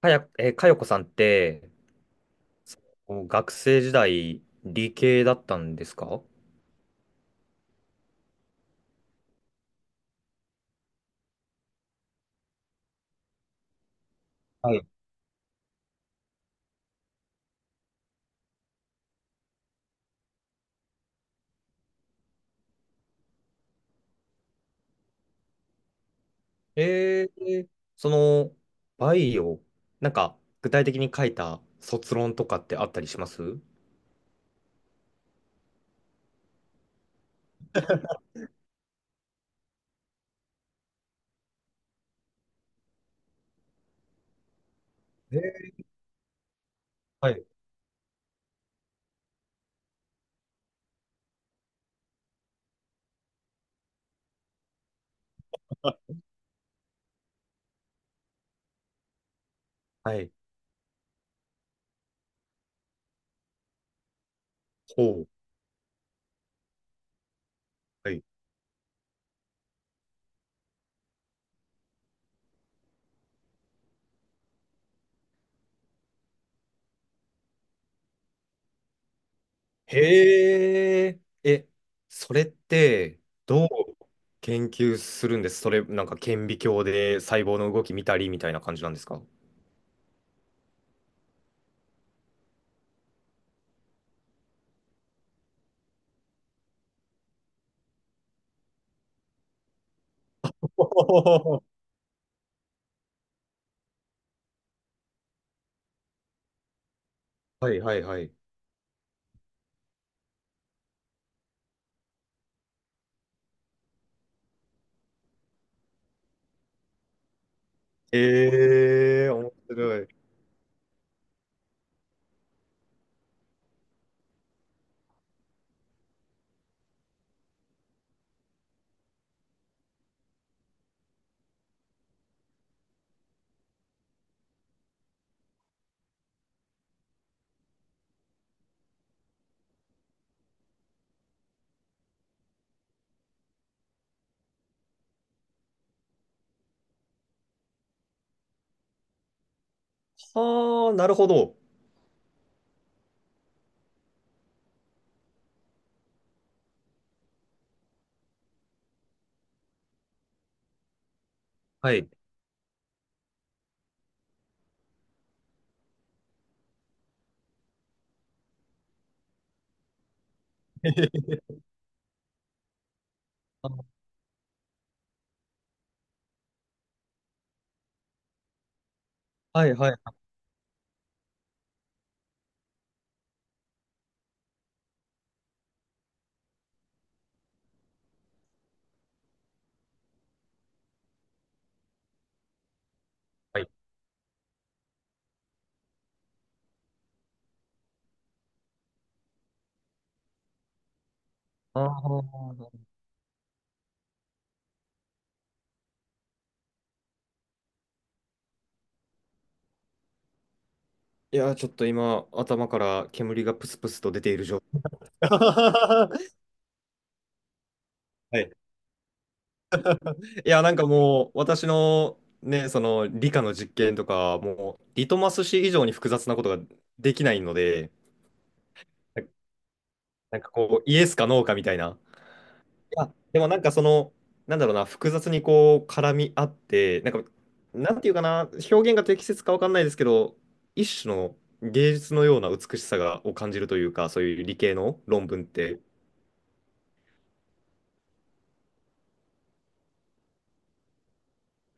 かや、かよこさんって、そう学生時代、理系だったんですか？はい。えー、その、バイオ、なんか、具体的に書いた卒論とかってあったりします？えー、はい。はい。ほう。はい。へえ。え、それって、どう研究するんです？それ、なんか顕微鏡で細胞の動き見たりみたいな感じなんですか？おー。 はいはいはい。ええ、面白い。はあ、なるほど。はい。あ、はいはいはい。あー、いやー、ちょっと今、頭から煙がプスプスと出ている状態。はい。いや、なんかもう、私のね、その理科の実験とか、もう、リトマス紙以上に複雑なことができないので、な、なんかこう、イエスかノーかみたいな。や、でもなんかその、なんだろうな、複雑にこう絡み合って、なんていうかな、表現が適切かわかんないですけど、一種の芸術のような美しさがを感じるというか、そういう理系の論文って。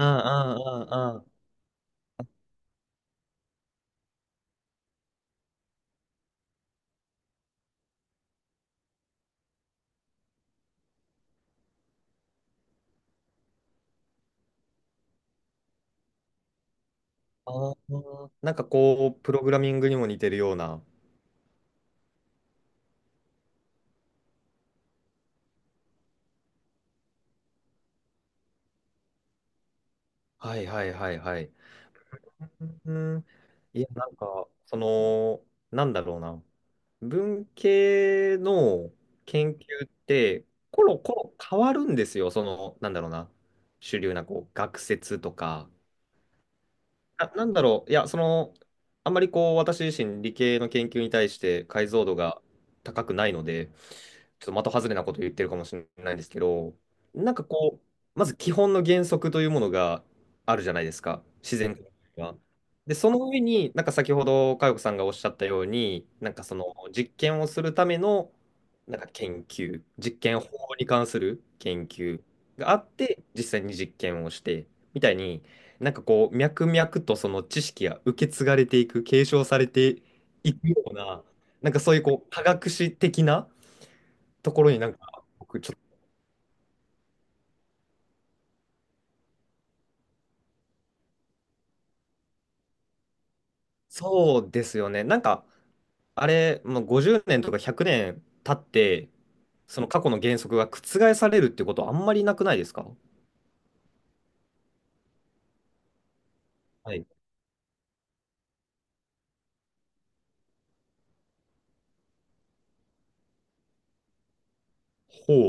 ああ、ああ、ああ、ああ。なんかこう、プログラミングにも似てるような。はいはいはいはい。うん、いや、なんか、その、なんだろうな。文系の研究ってコロコロ変わるんですよ。その、なんだろうな。主流なこう学説とか、あ、なんだろう。いや、その、あんまりこう、私自身理系の研究に対して解像度が高くないので、ちょっと的外れなこと言ってるかもしれないんですけど、なんかこう、まず基本の原則というものがあるじゃないですか、自然が。で、その上に、なんか先ほど佳代子さんがおっしゃったように、なんかその実験をするための、なんか研究、実験法に関する研究があって、実際に実験をして、みたいに、なんかこう、脈々とその知識が受け継がれていく、継承されていくような、なんかそういうこう、科学史的なところになんか僕ちょっと、そうですよね。なんか、あれ、まあ、50年とか100年経って、その過去の原則が覆されるってことはあんまりなくないですか？はい。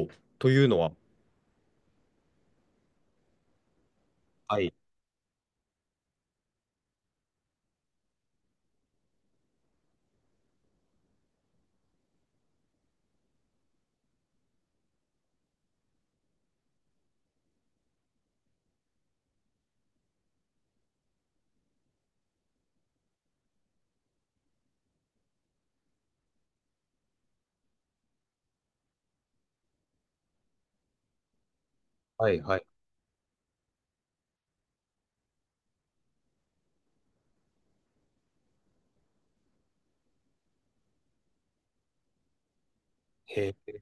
ほう。というのは、はい、はい、はい。へえ。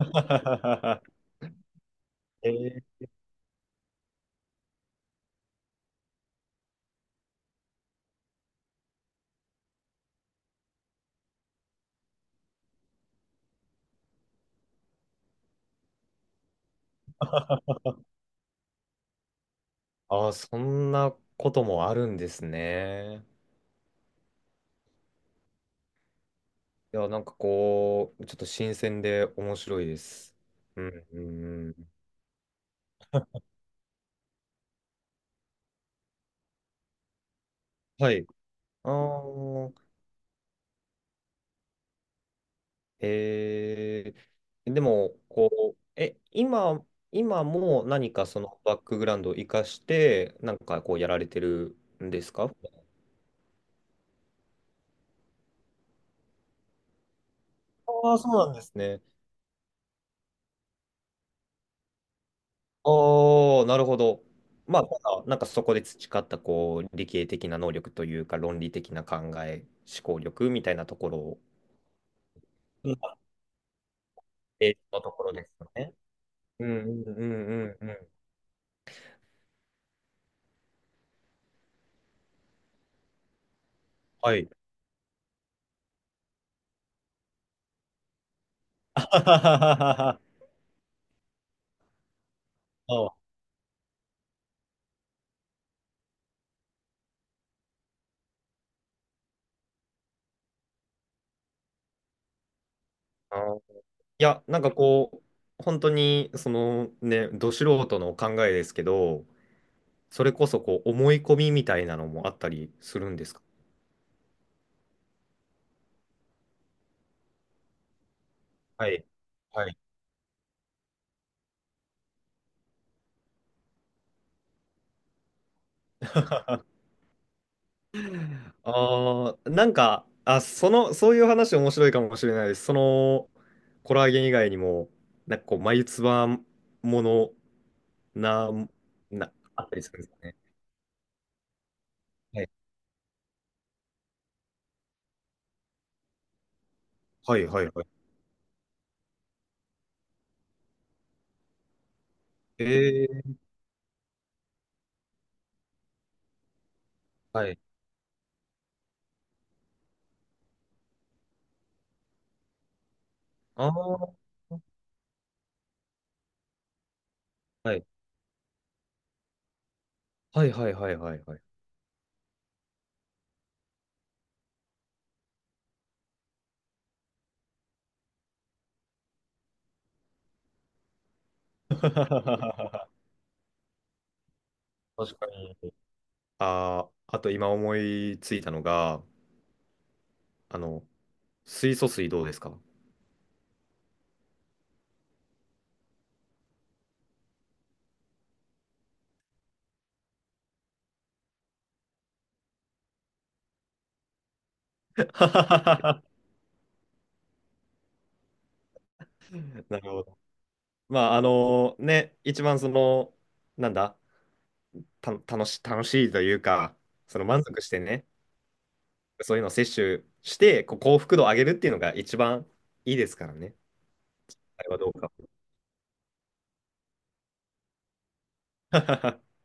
へえ。ああ、そんなこともあるんですね。いや、なんかこう、ちょっと新鮮で面白いです。うん、うん、うん。はい。ああ、えー、でも、こう、え、今、今も何かそのバックグラウンドを生かして、なんかこうやられてるんですか？ああ、そうなんですね。ああ、なるほど。まあ、ただなんかそこで培ったこう理系的な能力というか、論理的な考え、思考力みたいなところを、うん、えーのところですよね。うんうんうんうんうん。はい。あはははは、あ、いや、なんかこう、本当に、そのね、ど素人の考えですけど、それこそこう、思い込みみたいなのもあったりするんですか？はい。はい。ああ、なんか、あ、その、そういう話面白いかもしれないです。その、コラーゲン以外にも、なんかこう、眉唾ものな、な、あったりするんですかね。はい。はい。はい。はい。えー、はい。ああ、はい。はいはいはいはいはい。確かに。ああ、あと今思いついたのが、あの、水素水どうですか？ なるほど。まあ、あのね、一番その、なんだ、た、楽し、楽しいというか、その満足してね、そういうのを摂取して、こう幸福度を上げるっていうのが一番いいですからね。あれはどうか。